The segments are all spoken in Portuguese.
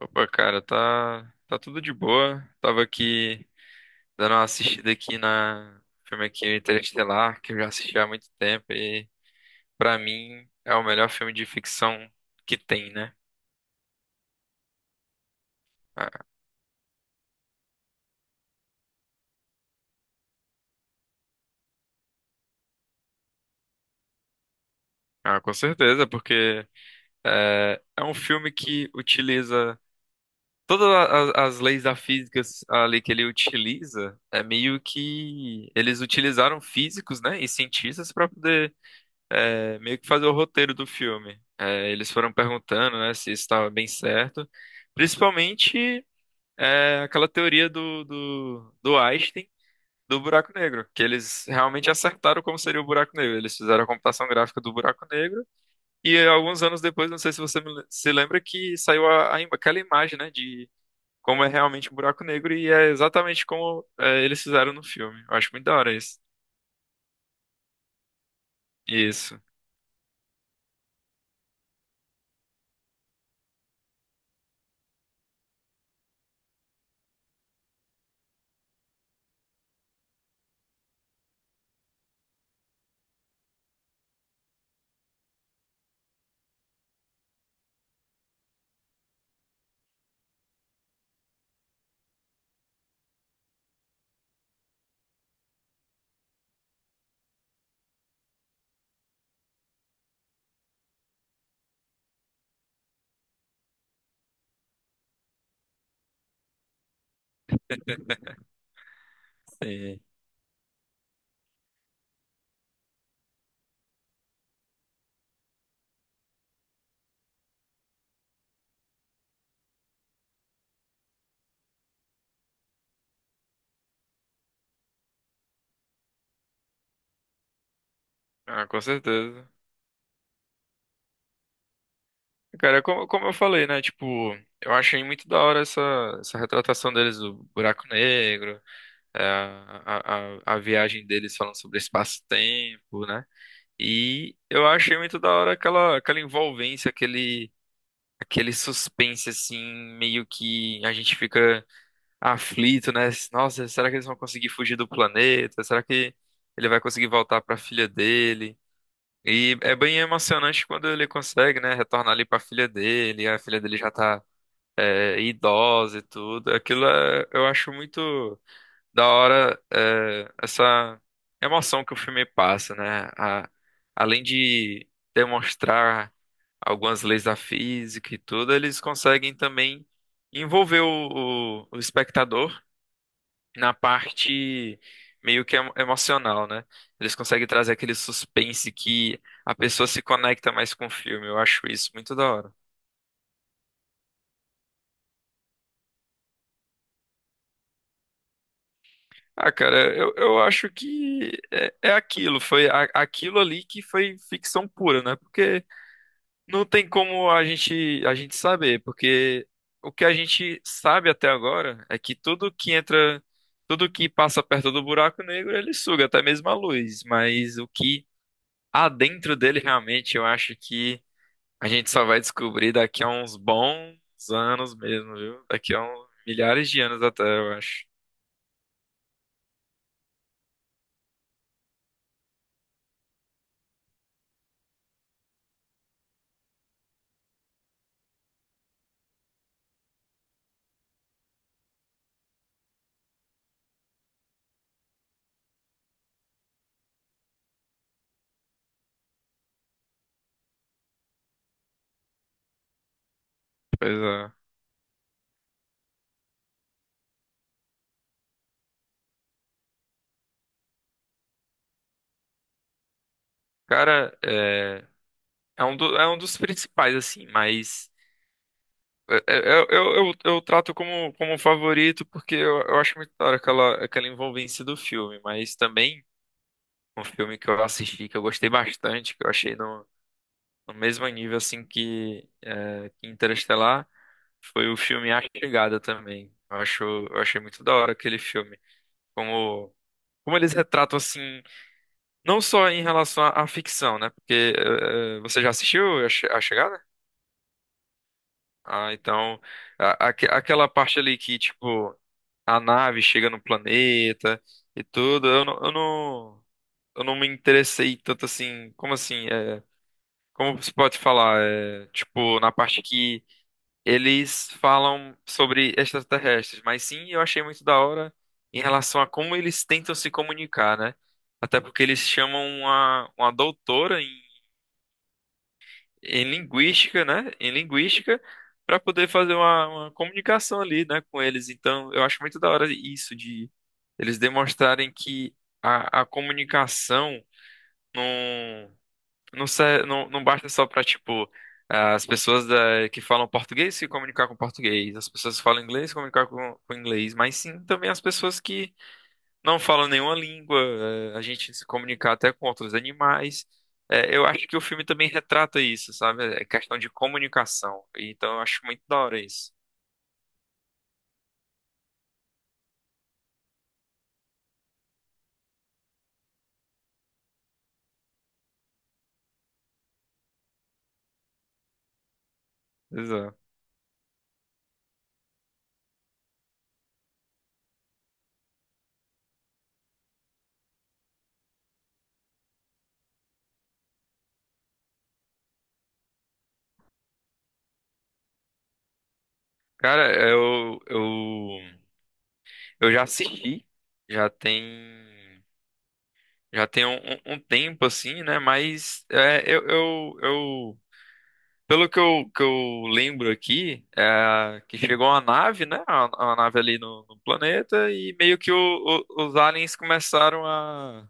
Opa, cara, tá tudo de boa. Tava aqui dando uma assistida aqui na filme aqui Interestelar, que eu já assisti há muito tempo e pra mim é o melhor filme de ficção que tem, né? Ah, ah, com certeza, porque é um filme que utiliza todas a- as leis da física ali que ele utiliza, é meio que eles utilizaram físicos, né, e cientistas para meio que fazer o roteiro do filme. É, eles foram perguntando, né, se isso estava bem certo. Principalmente aquela teoria do Einstein do buraco negro, que eles realmente acertaram como seria o buraco negro. Eles fizeram a computação gráfica do buraco negro e alguns anos depois, não sei se você me se lembra, que saiu aquela imagem, né, de como é realmente um buraco negro e é exatamente como é, eles fizeram no filme. Eu acho muito da hora isso. Isso. Sim. Ah, com certeza. Cara, como eu falei, né? Tipo, eu achei muito da hora essa retratação deles do buraco negro, a viagem deles falando sobre espaço-tempo, né? E eu achei muito da hora aquela envolvência, aquele suspense, assim, meio que a gente fica aflito, né? Nossa, será que eles vão conseguir fugir do planeta? Será que ele vai conseguir voltar para a filha dele? E é bem emocionante quando ele consegue, né, retornar ali pra filha dele, a filha dele já tá idosa e tudo. Eu acho muito da hora essa emoção que o filme passa, né? Além de demonstrar algumas leis da física e tudo, eles conseguem também envolver o espectador na parte meio que emocional, né? Eles conseguem trazer aquele suspense que a pessoa se conecta mais com o filme. Eu acho isso muito da hora. Ah, cara, eu acho que é aquilo, aquilo ali que foi ficção pura, né? Porque não tem como a gente saber, porque o que a gente sabe até agora é que tudo que entra, tudo que passa perto do buraco negro, ele suga, até mesmo a luz, mas o que há dentro dele realmente, eu acho que a gente só vai descobrir daqui a uns bons anos mesmo, viu? Daqui a uns milhares de anos até, eu acho. Pois é. Cara, um, é um dos principais, assim, mas eu trato como, como um favorito porque eu acho muito da hora aquela envolvência do filme, mas também um filme que eu assisti, que eu gostei bastante, que eu achei no mesmo nível, assim, que, que Interestelar, foi o filme A Chegada também. Eu acho, eu achei muito da hora aquele filme. Como, como eles retratam, assim, não só em relação à ficção, né? Porque eh, você já assistiu a Chegada? Ah, então, aquela parte ali que, tipo, a nave chega no planeta e tudo, eu não me interessei tanto assim, como assim, como se pode falar, é, tipo, na parte que eles falam sobre extraterrestres, mas sim, eu achei muito da hora em relação a como eles tentam se comunicar, né? Até porque eles chamam uma doutora em, em linguística, né? Em linguística, para poder fazer uma comunicação ali, né, com eles. Então, eu acho muito da hora isso de eles demonstrarem que a comunicação. Não basta só para, tipo, que falam português se comunicar com português, as pessoas que falam inglês se comunicar com inglês, mas sim também as pessoas que não falam nenhuma língua, a gente se comunicar até com outros animais. Eu acho que o filme também retrata isso, sabe? É questão de comunicação. Então eu acho muito da hora isso. Exato. Cara, eu já assisti, já tem, já tem um, um tempo assim, né? Mas é, eu pelo que que eu lembro aqui, é que chegou uma nave, né? Uma nave ali no planeta e meio que os aliens começaram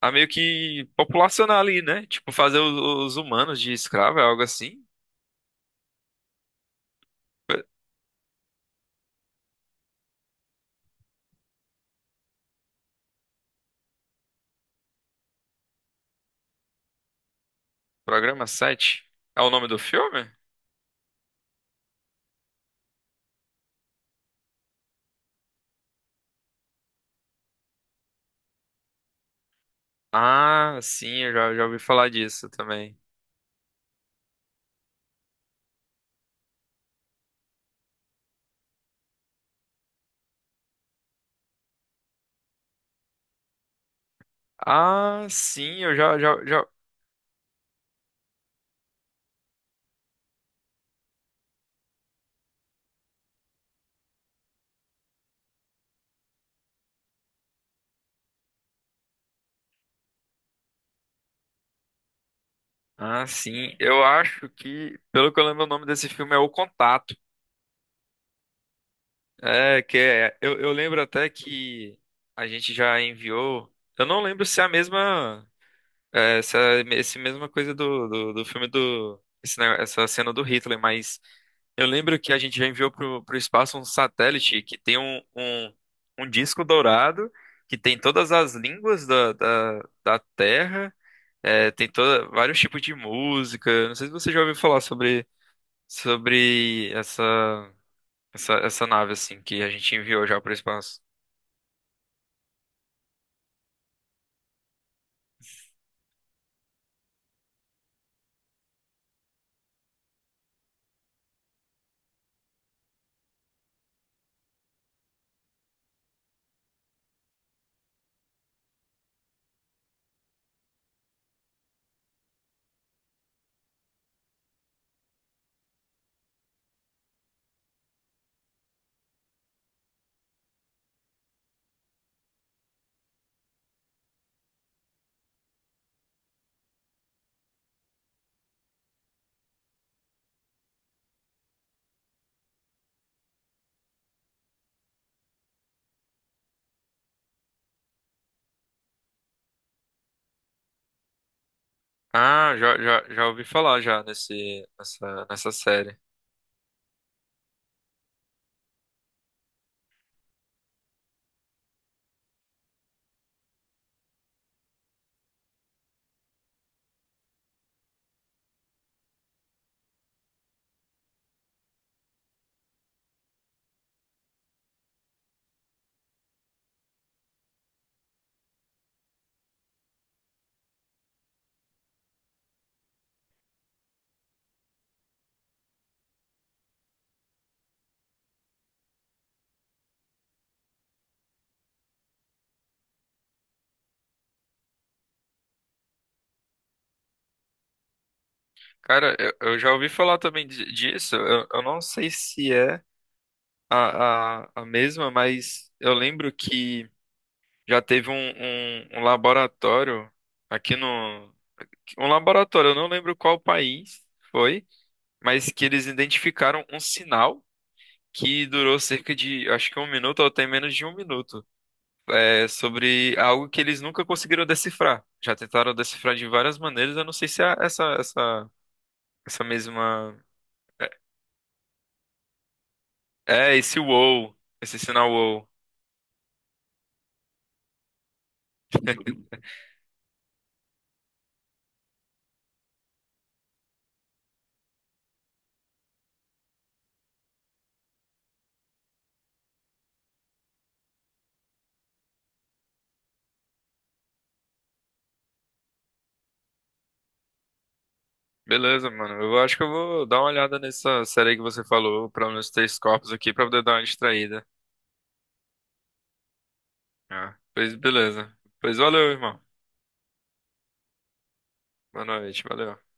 a meio que populacionar ali, né? Tipo, fazer os humanos de escravo, é algo assim. Programa 7. É o nome do filme? Ah, sim, eu já, já ouvi falar disso também. Ah, sim, eu já... Ah, sim, eu acho que, pelo que eu lembro, o nome desse filme é O Contato. É, que é, eu lembro até que a gente já enviou. Eu não lembro se é a mesma. É, essa, esse mesma coisa do filme do. Esse essa cena do Hitler, mas eu lembro que a gente já enviou pro espaço um satélite que tem um disco dourado, que tem todas as línguas da Terra, é, tem toda, vários tipos de música. Não sei se você já ouviu falar sobre essa. Essa nave, assim, que a gente enviou já para o espaço. Ah, já ouvi falar já nessa série. Cara, eu já ouvi falar também disso. Eu não sei se é a mesma, mas eu lembro que já teve um laboratório aqui no. Um laboratório, eu não lembro qual país foi, mas que eles identificaram um sinal que durou cerca de, acho que um minuto ou até menos de um minuto. É sobre algo que eles nunca conseguiram decifrar. Já tentaram decifrar de várias maneiras, eu não sei se essa mesma. É, esse wow, esse sinal wow. Beleza, mano. Eu acho que eu vou dar uma olhada nessa série que você falou, pelo menos três corpos aqui, pra poder dar uma distraída. Ah, pois beleza. Pois valeu, irmão. Boa noite, valeu.